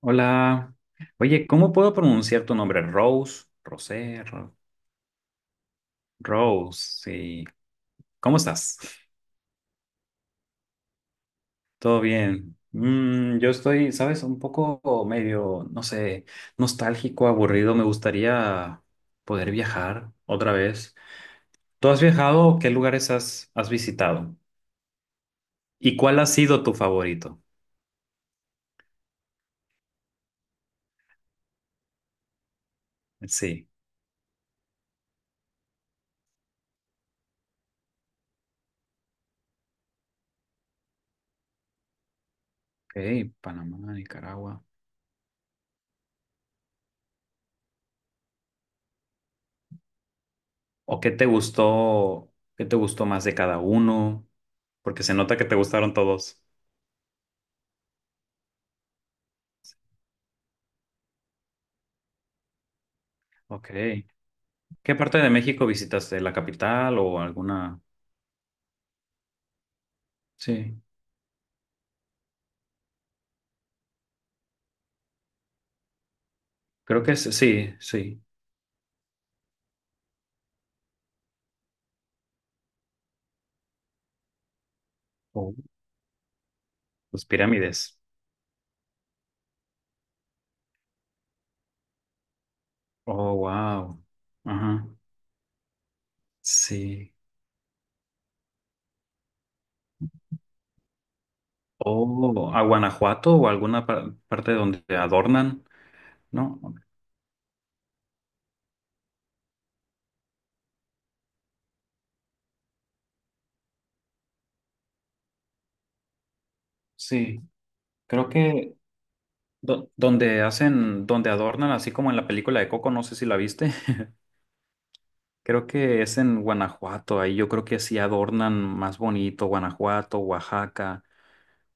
Hola. Oye, ¿cómo puedo pronunciar tu nombre? Rose, Rosé, Ro- Rose, sí. ¿Cómo estás? ¿Todo bien? Mm, yo estoy, ¿sabes? Un poco medio, no sé, nostálgico, aburrido. Me gustaría poder viajar otra vez. ¿Tú has viajado? ¿Qué lugares has visitado? ¿Y cuál ha sido tu favorito? Sí. Ok, Panamá, Nicaragua. ¿O qué te gustó? ¿Qué te gustó más de cada uno? Porque se nota que te gustaron todos. Ok. ¿Qué parte de México visitaste? ¿La capital o alguna? Sí, sí, sí. Oh. Las pirámides. Oh, wow. Ajá. Sí. O a Guanajuato o alguna parte donde adornan, ¿no? Sí, creo que donde hacen, donde adornan, así como en la película de Coco, no sé si la viste. Creo que es en Guanajuato, ahí yo creo que sí adornan más bonito, Guanajuato, Oaxaca.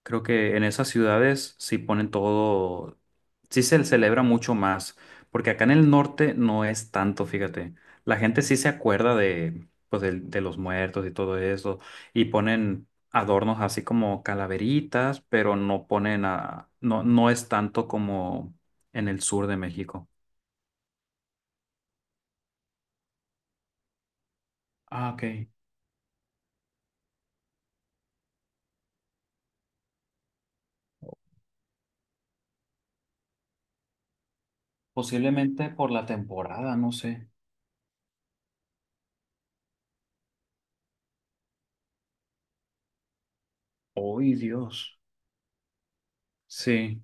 Creo que en esas ciudades sí ponen todo, sí se celebra mucho más, porque acá en el norte no es tanto, fíjate. La gente sí se acuerda de, pues, de, los muertos y todo eso, y ponen adornos así como calaveritas, pero no ponen a, no, no es tanto como en el sur de México. Ah, ok. Posiblemente por la temporada, no sé. ¡Ay, Dios! Sí,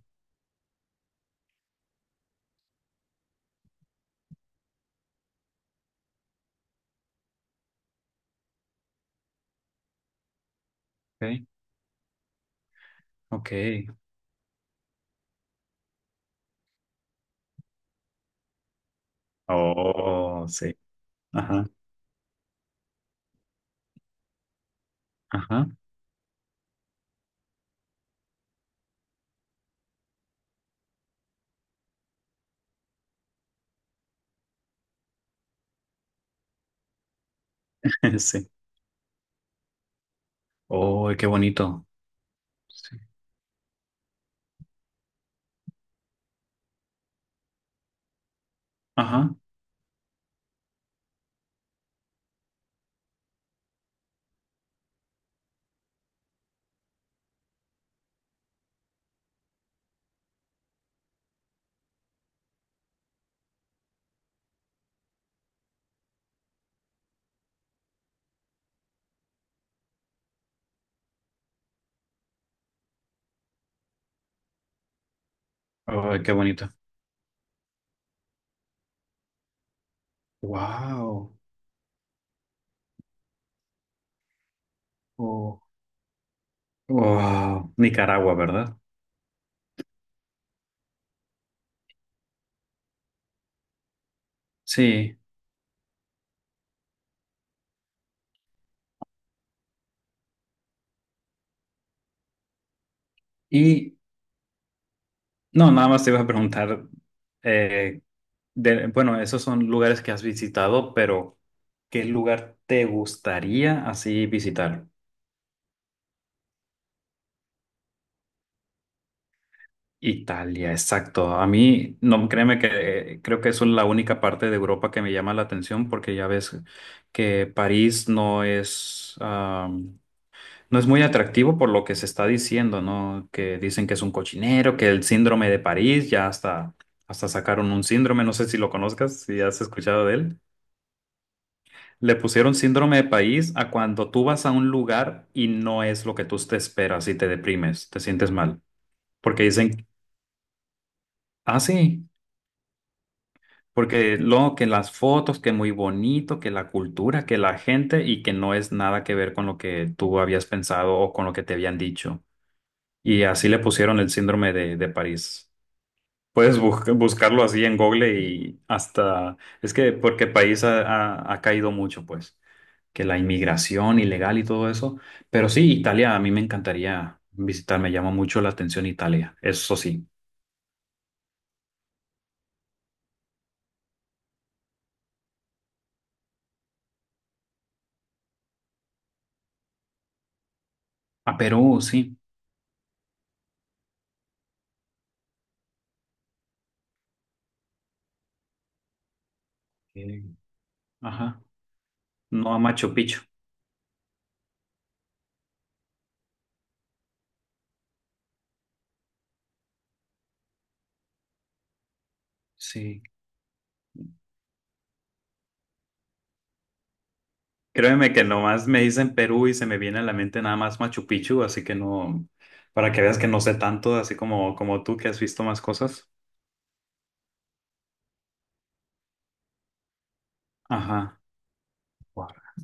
ok, ok. Oh, sí. Ajá, ajá. Sí. Oh, qué bonito. Sí. Ajá. Oh, qué bonito. Wow. Oh. Wow. Nicaragua, ¿verdad? Sí. Y no, nada más te iba a preguntar, eh, bueno, esos son lugares que has visitado, pero ¿qué lugar te gustaría así visitar? Italia, exacto. A mí, no, créeme que creo que eso es la única parte de Europa que me llama la atención porque ya ves que París no es. No es muy atractivo por lo que se está diciendo, ¿no? Que dicen que es un cochinero, que el síndrome de París, ya hasta sacaron un síndrome, no sé si lo conozcas, si has escuchado de él. Le pusieron síndrome de París a cuando tú vas a un lugar y no es lo que tú te esperas y te deprimes, te sientes mal. Porque dicen, ah, sí, porque lo que las fotos, que muy bonito, que la cultura, que la gente y que no es nada que ver con lo que tú habías pensado o con lo que te habían dicho. Y así le pusieron el síndrome de París. Puedes buscarlo así en Google y hasta, es que porque el país ha, ha caído mucho, pues, que la inmigración ilegal y todo eso. Pero sí, Italia, a mí me encantaría visitar, me llama mucho la atención Italia, eso sí. A Perú, sí. Eh, ajá, no a Machu Picchu, sí. Créeme que nomás me dicen Perú y se me viene a la mente nada más Machu Picchu, así que no, para que veas que no sé tanto, así como, como tú que has visto más cosas. Ajá. Guara.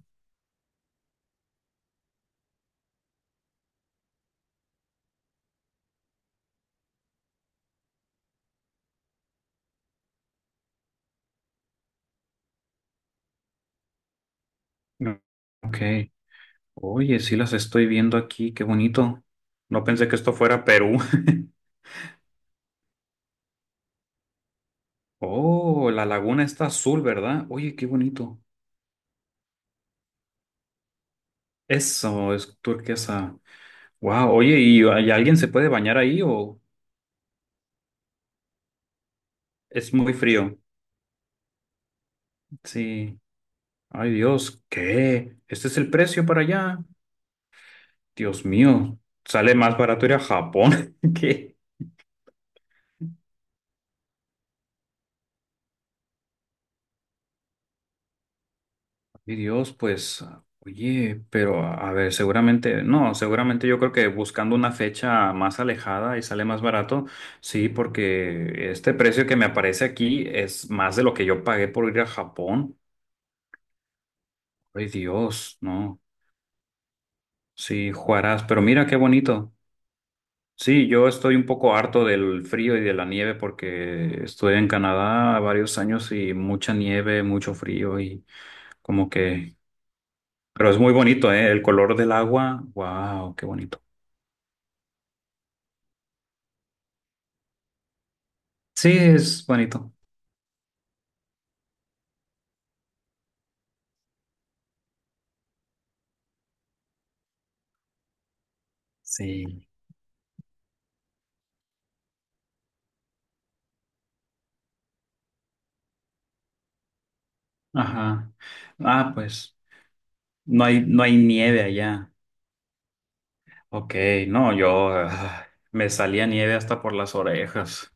Ok. Oye, sí las estoy viendo aquí, qué bonito. No pensé que esto fuera Perú. Oh, la laguna está azul, ¿verdad? Oye, qué bonito. Eso es turquesa. Wow, oye, y alguien se puede bañar ahí o es muy frío? Sí. Ay, Dios, ¿qué? ¿Este es el precio para allá? Dios mío, sale más barato ir a Japón. ¿Qué? Y Dios, pues, oye, pero a ver, seguramente, no, seguramente yo creo que buscando una fecha más alejada y sale más barato, sí, porque este precio que me aparece aquí es más de lo que yo pagué por ir a Japón. Ay, Dios, no, sí, Juarás, pero mira qué bonito. Sí, yo estoy un poco harto del frío y de la nieve porque estuve en Canadá varios años y mucha nieve, mucho frío y como que, pero es muy bonito, ¿eh? El color del agua, wow, qué bonito. Sí, es bonito. Sí. Ajá. Ah, pues no hay, no hay nieve allá. Ok, no, yo ah, me salía nieve hasta por las orejas.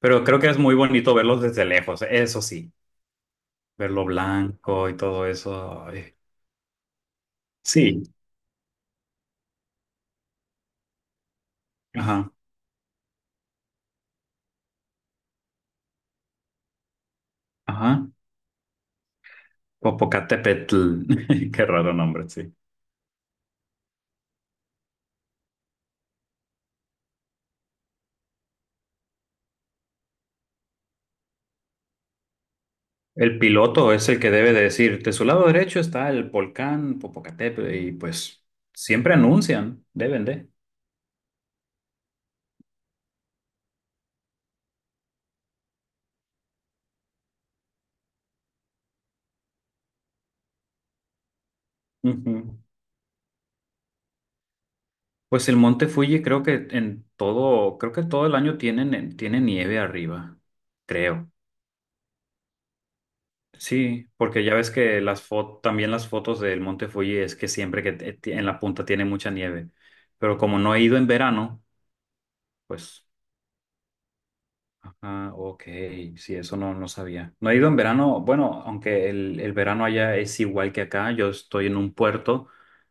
Pero creo que es muy bonito verlos desde lejos, eso sí, verlo blanco y todo eso. Ay. Sí, ajá, ajá. Popocatépetl, qué raro nombre, sí. El piloto es el que debe de decir, de su lado derecho está el volcán Popocatépetl y pues siempre anuncian, deben de. Ujú. Pues el Monte Fuji creo que en todo, creo que todo el año tienen, tiene nieve arriba, creo. Sí, porque ya ves que las fotos, también las fotos del Monte Fuji es que siempre que en la punta tiene mucha nieve, pero como no he ido en verano, pues ah, ok, sí, eso no, no sabía. No he ido en verano, bueno, aunque el verano allá es igual que acá, yo estoy en un puerto,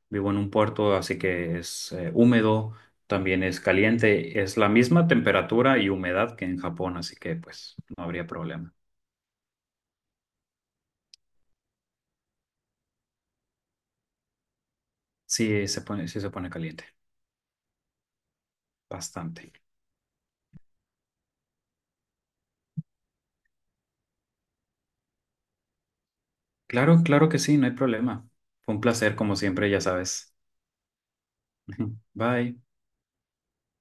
vivo en un puerto, así que es húmedo, también es caliente, es la misma temperatura y humedad que en Japón, así que pues no habría problema. Sí se pone caliente, bastante. Claro, claro que sí, no hay problema. Fue un placer, como siempre, ya sabes. Bye.